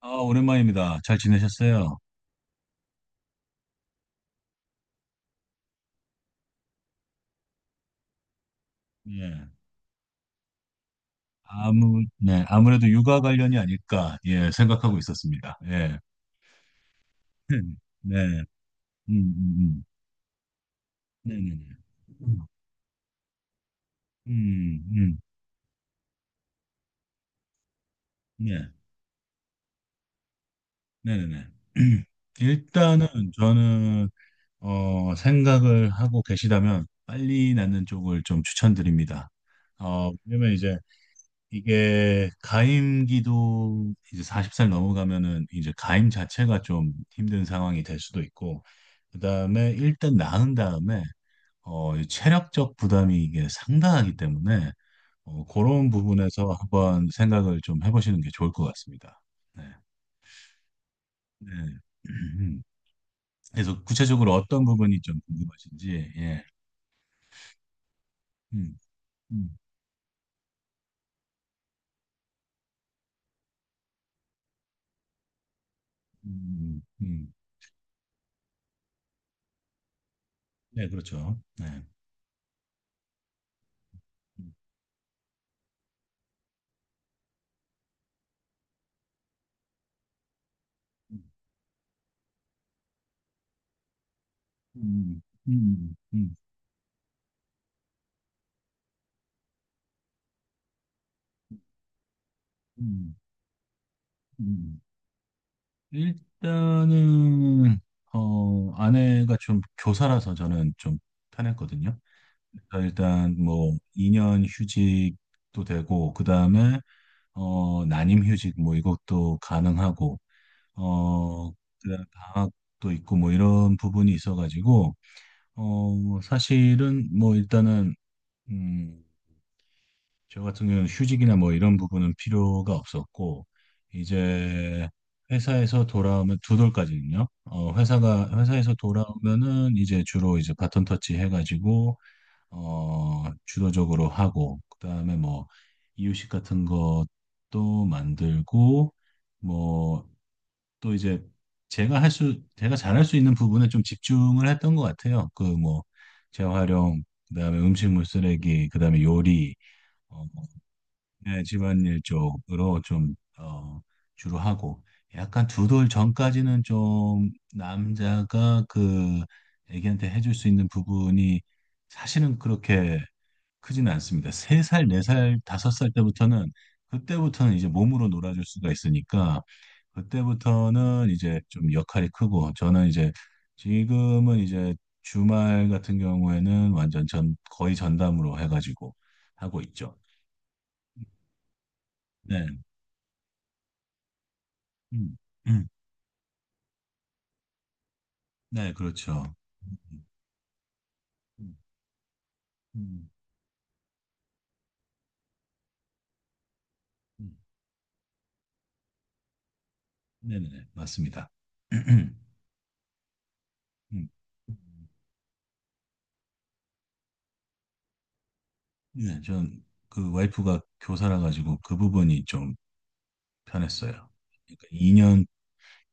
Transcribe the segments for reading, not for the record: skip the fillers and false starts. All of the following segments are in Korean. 아, 오랜만입니다. 잘 지내셨어요? 예. 네, 아무래도 육아 관련이 아닐까, 예, 생각하고 있었습니다. 예. 네. 음, 음, 음. 네네네. 음, 음, 네. 네네네. 일단은 저는, 생각을 하고 계시다면 빨리 낳는 쪽을 좀 추천드립니다. 왜냐면 이제 이게 가임기도 이제 40살 넘어가면은 이제 가임 자체가 좀 힘든 상황이 될 수도 있고, 그다음에 일단 낳은 다음에 이 체력적 부담이 이게 상당하기 때문에 그런 부분에서 한번 생각을 좀 해보시는 게 좋을 것 같습니다. 네. 네. 그래서 구체적으로 어떤 부분이 좀 궁금하신지? 예. 음, 음, 음. 네, 그렇죠. 네. 음, 음, 음, 음, 음, 음. 음. 일단은 아내가 좀 교사라서 저는 좀 편했거든요. 그러니까 일단 뭐 2년 휴직도 되고 그다음에 난임 휴직 뭐 이것도 가능하고 어 그다음에 방학도 있고 뭐 이런 부분이 있어가지고 사실은 뭐 일단은 음, 저 같은 경우는 휴직이나 뭐 이런 부분은 필요가 없었고 이제 회사에서 돌아오면 두 돌까지는요. 어 회사가 회사에서 돌아오면은 이제 주로 이제 바톤 터치 해가지고 주도적으로 하고 그다음에 뭐 이유식 같은 것도 만들고 뭐 또 이제 제가 잘할 수 있는 부분에 좀 집중을 했던 것 같아요. 그 뭐 재활용, 그다음에 음식물 쓰레기, 그다음에 요리, 어, 네, 집안일 쪽으로 좀, 주로 하고, 약간 두 돌 전까지는 좀 남자가 그 애기한테 해줄 수 있는 부분이 사실은 그렇게 크지는 않습니다. 세 살, 네 살, 다섯 살 때부터는, 그때부터는 이제 몸으로 놀아줄 수가 있으니까, 그때부터는 이제 좀 역할이 크고, 저는 이제 지금은 이제 주말 같은 경우에는 완전 거의 전담으로 해가지고 하고 있죠. 네. 음, 음. 네, 그렇죠. 음, 음, 음. 네네, 맞습니다. 음. 네, 전 그 와이프가 교사라 가지고 그 부분이 좀 편했어요. 그러니까 2년,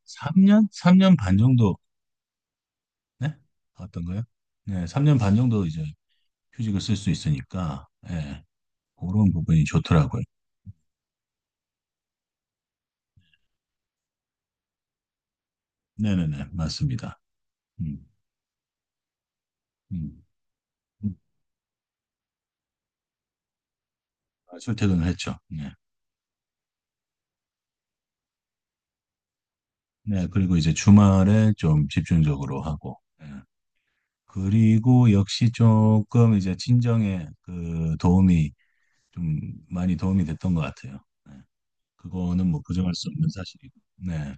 3년? 3년 반 정도, 네? 어떤가요? 네, 3년 반 정도 이제 휴직을 쓸 수 있으니까, 예, 그런 부분이 좋더라고요. 네네네, 맞습니다. 음, 음. 음. 아, 출퇴근을 했죠. 네. 네, 그리고 이제 주말에 좀 집중적으로 하고, 예. 그리고 역시 조금 이제 친정에 그 도움이 좀 많이 도움이 됐던 것 같아요. 네. 그거는 뭐 부정할 수 없는 사실이고. 네,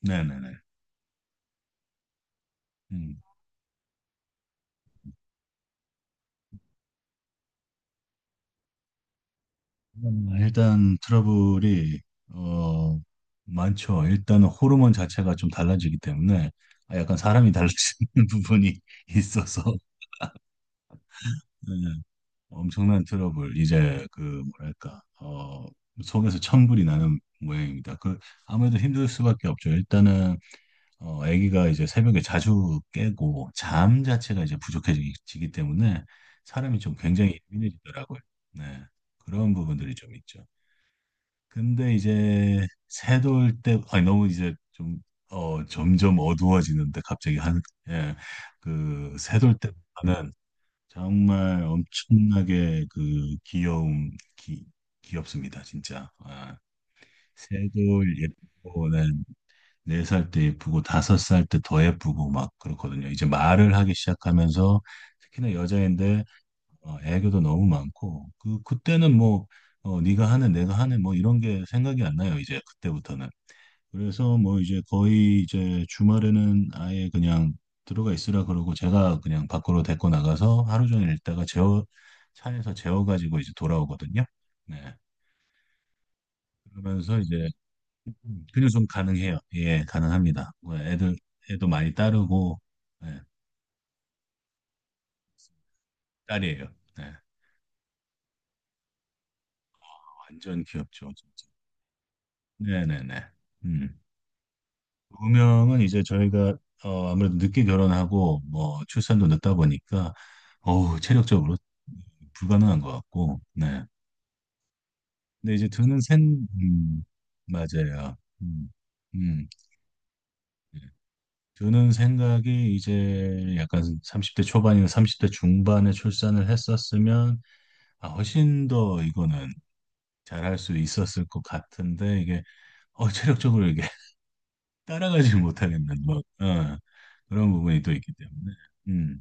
네, 네, 네. 음. 일단 트러블이 어 많죠. 일단은 호르몬 자체가 좀 달라지기 때문에 아, 약간 사람이 달라지는 부분이 있어서 네. 엄청난 트러블. 이제 그 뭐랄까, 속에서 천불이 나는 모양입니다. 그 아무래도 힘들 수밖에 없죠. 일단은 아기가 이제 새벽에 자주 깨고 잠 자체가 이제 부족해지기 때문에 사람이 좀 굉장히 예민해지더라고요. 네. 그런 부분들이 좀 있죠. 근데 이제 새돌 때, 아니, 너무 이제 좀, 점점 어두워지는데 갑자기 한, 예, 그 새돌 때보다는 정말 엄청나게 그 귀여움, 귀, 귀엽습니다. 진짜. 아, 새돌 예쁘고, 네. 네 살 때 예쁘고 다섯 살 때 더 예쁘고 막 그렇거든요. 이제 말을 하기 시작하면서 특히나 여자인데 애교도 너무 많고, 그때는 뭐 네가 하는 내가 하는 뭐 이런 게 생각이 안 나요. 이제 그때부터는. 그래서 뭐 이제 거의 이제 주말에는 아예 그냥 들어가 있으라 그러고, 제가 그냥 밖으로 데리고 나가서 하루 종일 있다가 재워 차에서 재워 가지고 이제 돌아오거든요. 네. 그러면서 이제 근육 좀 가능해요. 예, 가능합니다. 뭐 애도 많이 따르고, 예, 딸이에요. 네, 완전 귀엽죠, 진짜. 네네네. 음. 우명은 이제 저희가, 아무래도 늦게 결혼하고, 뭐, 출산도 늦다 보니까, 어우, 체력적으로 불가능한 것 같고, 네. 근데 이제 맞아요. 음, 음. 네. 드는 생각이 이제 약간 30대 초반이나 30대 중반에 출산을 했었으면, 아, 훨씬 더 이거는 잘할 수 있었을 것 같은데, 이게 체력적으로 이게 따라가지 못하겠는, 뭐 그런 부분이 또 있기 때문에. 음,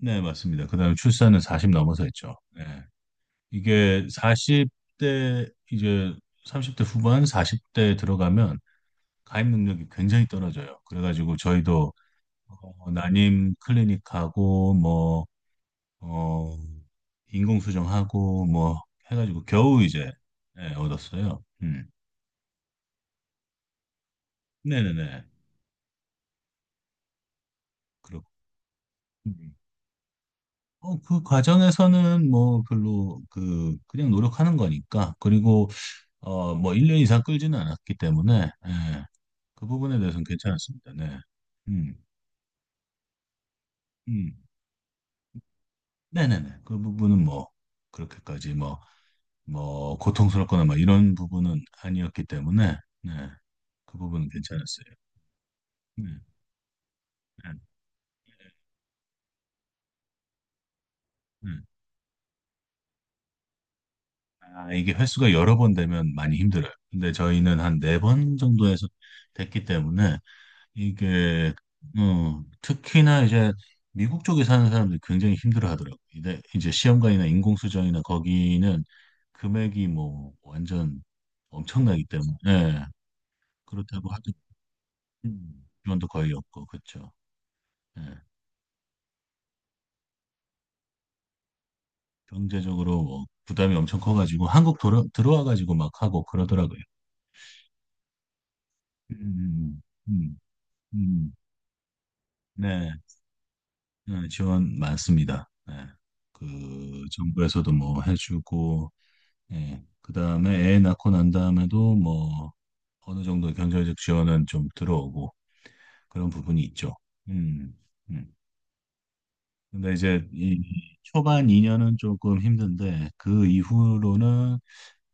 네, 맞습니다. 그다음에 출산은 40 넘어서 했죠. 네. 이게 사십 대, 이제 30대 후반 40대 들어가면 가입 능력이 굉장히 떨어져요. 그래가지고 저희도 난임 클리닉하고, 뭐 어, 인공수정하고 뭐 해가지고 겨우 이제, 예, 얻었어요. 음. 네네네. 그렇고. 음. 그 과정에서는 뭐 별로, 그 그냥 노력하는 거니까, 그리고 뭐 1년 이상 끌지는 않았기 때문에, 예, 그 부분에 대해서는 괜찮았습니다. 네. 음. 음. 네네네. 그 부분은 뭐 그렇게까지 뭐 고통스럽거나 막 이런 부분은 아니었기 때문에, 네. 그 부분은 괜찮았어요. 네. 네. 네. 아, 이게 횟수가 여러 번 되면 많이 힘들어요. 근데 저희는 한 네 번 정도에서 됐기 때문에 이게 특히나 이제 미국 쪽에 사는 사람들이 굉장히 힘들어 하더라고요. 근데 이제 시험관이나 인공수정이나 거기는 금액이 뭐 완전 엄청나기 때문에, 예, 그렇다고 하죠. 지원도 거의 없고 그렇죠. 예, 경제적으로 뭐 부담이 엄청 커가지고 한국 들어와가지고 막 하고 그러더라고요. 음, 음, 음, 음. 네. 네, 지원 많습니다. 네. 그 정부에서도 뭐 해주고, 예. 그다음에 애 낳고 난 다음에도 뭐 어느 정도 경제적 지원은 좀 들어오고, 그런 부분이 있죠. 음, 음. 근데 이제 이 초반 2년은 조금 힘든데 그 이후로는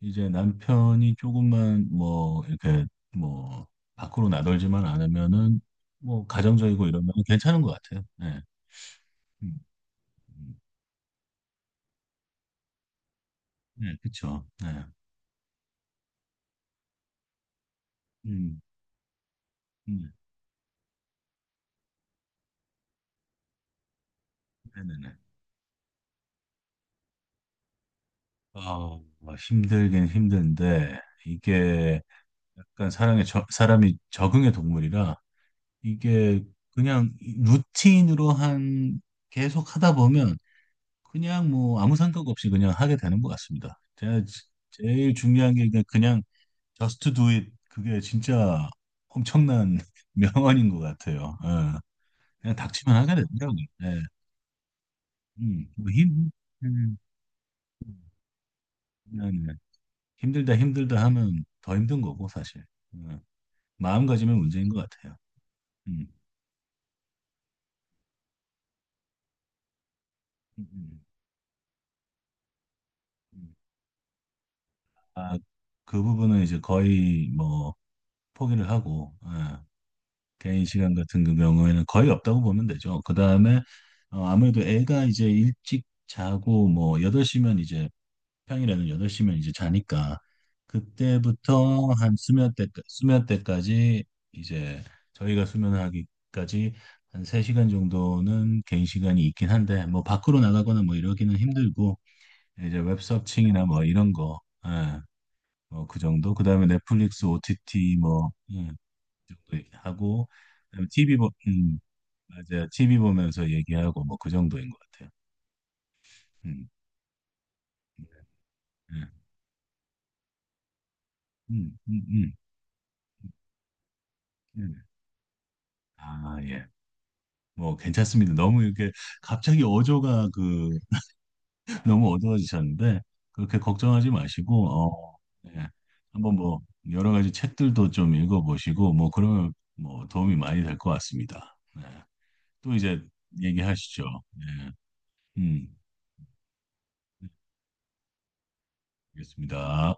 이제 남편이 조금만 뭐 이렇게 뭐 밖으로 나돌지만 않으면은 뭐 가정적이고 이러면 괜찮은 것 같아요. 네. 음, 음. 네, 그쵸. 네. 음, 음, 네네네. 뭐 힘들긴 힘든데, 이게 약간 사람이 적응의 동물이라, 이게 그냥 루틴으로 한, 계속 하다 보면, 그냥 뭐 아무 생각 없이 그냥 하게 되는 것 같습니다. 제일 중요한 게 그냥 just do it. 그게 진짜 엄청난 명언인 것 같아요. 그냥 닥치면 하게 되더라고요. 네. 음, 뭐 힘, 음. 음. 네네. 힘들다 힘들다 하면 더 힘든 거고 사실. 어, 마음가짐의 문제인 것 같아요. 음. 음, 음, 음. 아, 그 부분은 이제 거의 뭐 포기를 하고, 개인 시간 같은 그 경우에는 거의 없다고 보면 되죠. 그 다음에 아무래도 애가 이제 일찍 자고 뭐 8시면 이제, 평일에는 8시면 이제 자니까 그때부터 한 수면 때 수면 때까지, 이제 저희가 수면하기까지 한 3시간 정도는 개인 시간이 있긴 한데, 뭐 밖으로 나가거나 뭐 이러기는 힘들고, 이제 웹서칭이나 뭐 이런 거, 예, 뭐그 정도. 그다음에 넷플릭스 OTT 뭐, 예, 그 정도 하고. 그다음에 TV 보 맞아요. 티비 보면서 얘기하고 뭐 그 정도인 것 같아요. 음. 예. 음, 음, 음. 예. 아, 예. 뭐 괜찮습니다. 너무 이렇게 갑자기 어조가 그 너무 어두워지셨는데, 그렇게 걱정하지 마시고, 예. 한번 뭐 여러 가지 책들도 좀 읽어보시고, 뭐 그러면 뭐 도움이 많이 될 것 같습니다. 네. 또 이제 얘기하시죠. 네. 음, 네, 알겠습니다.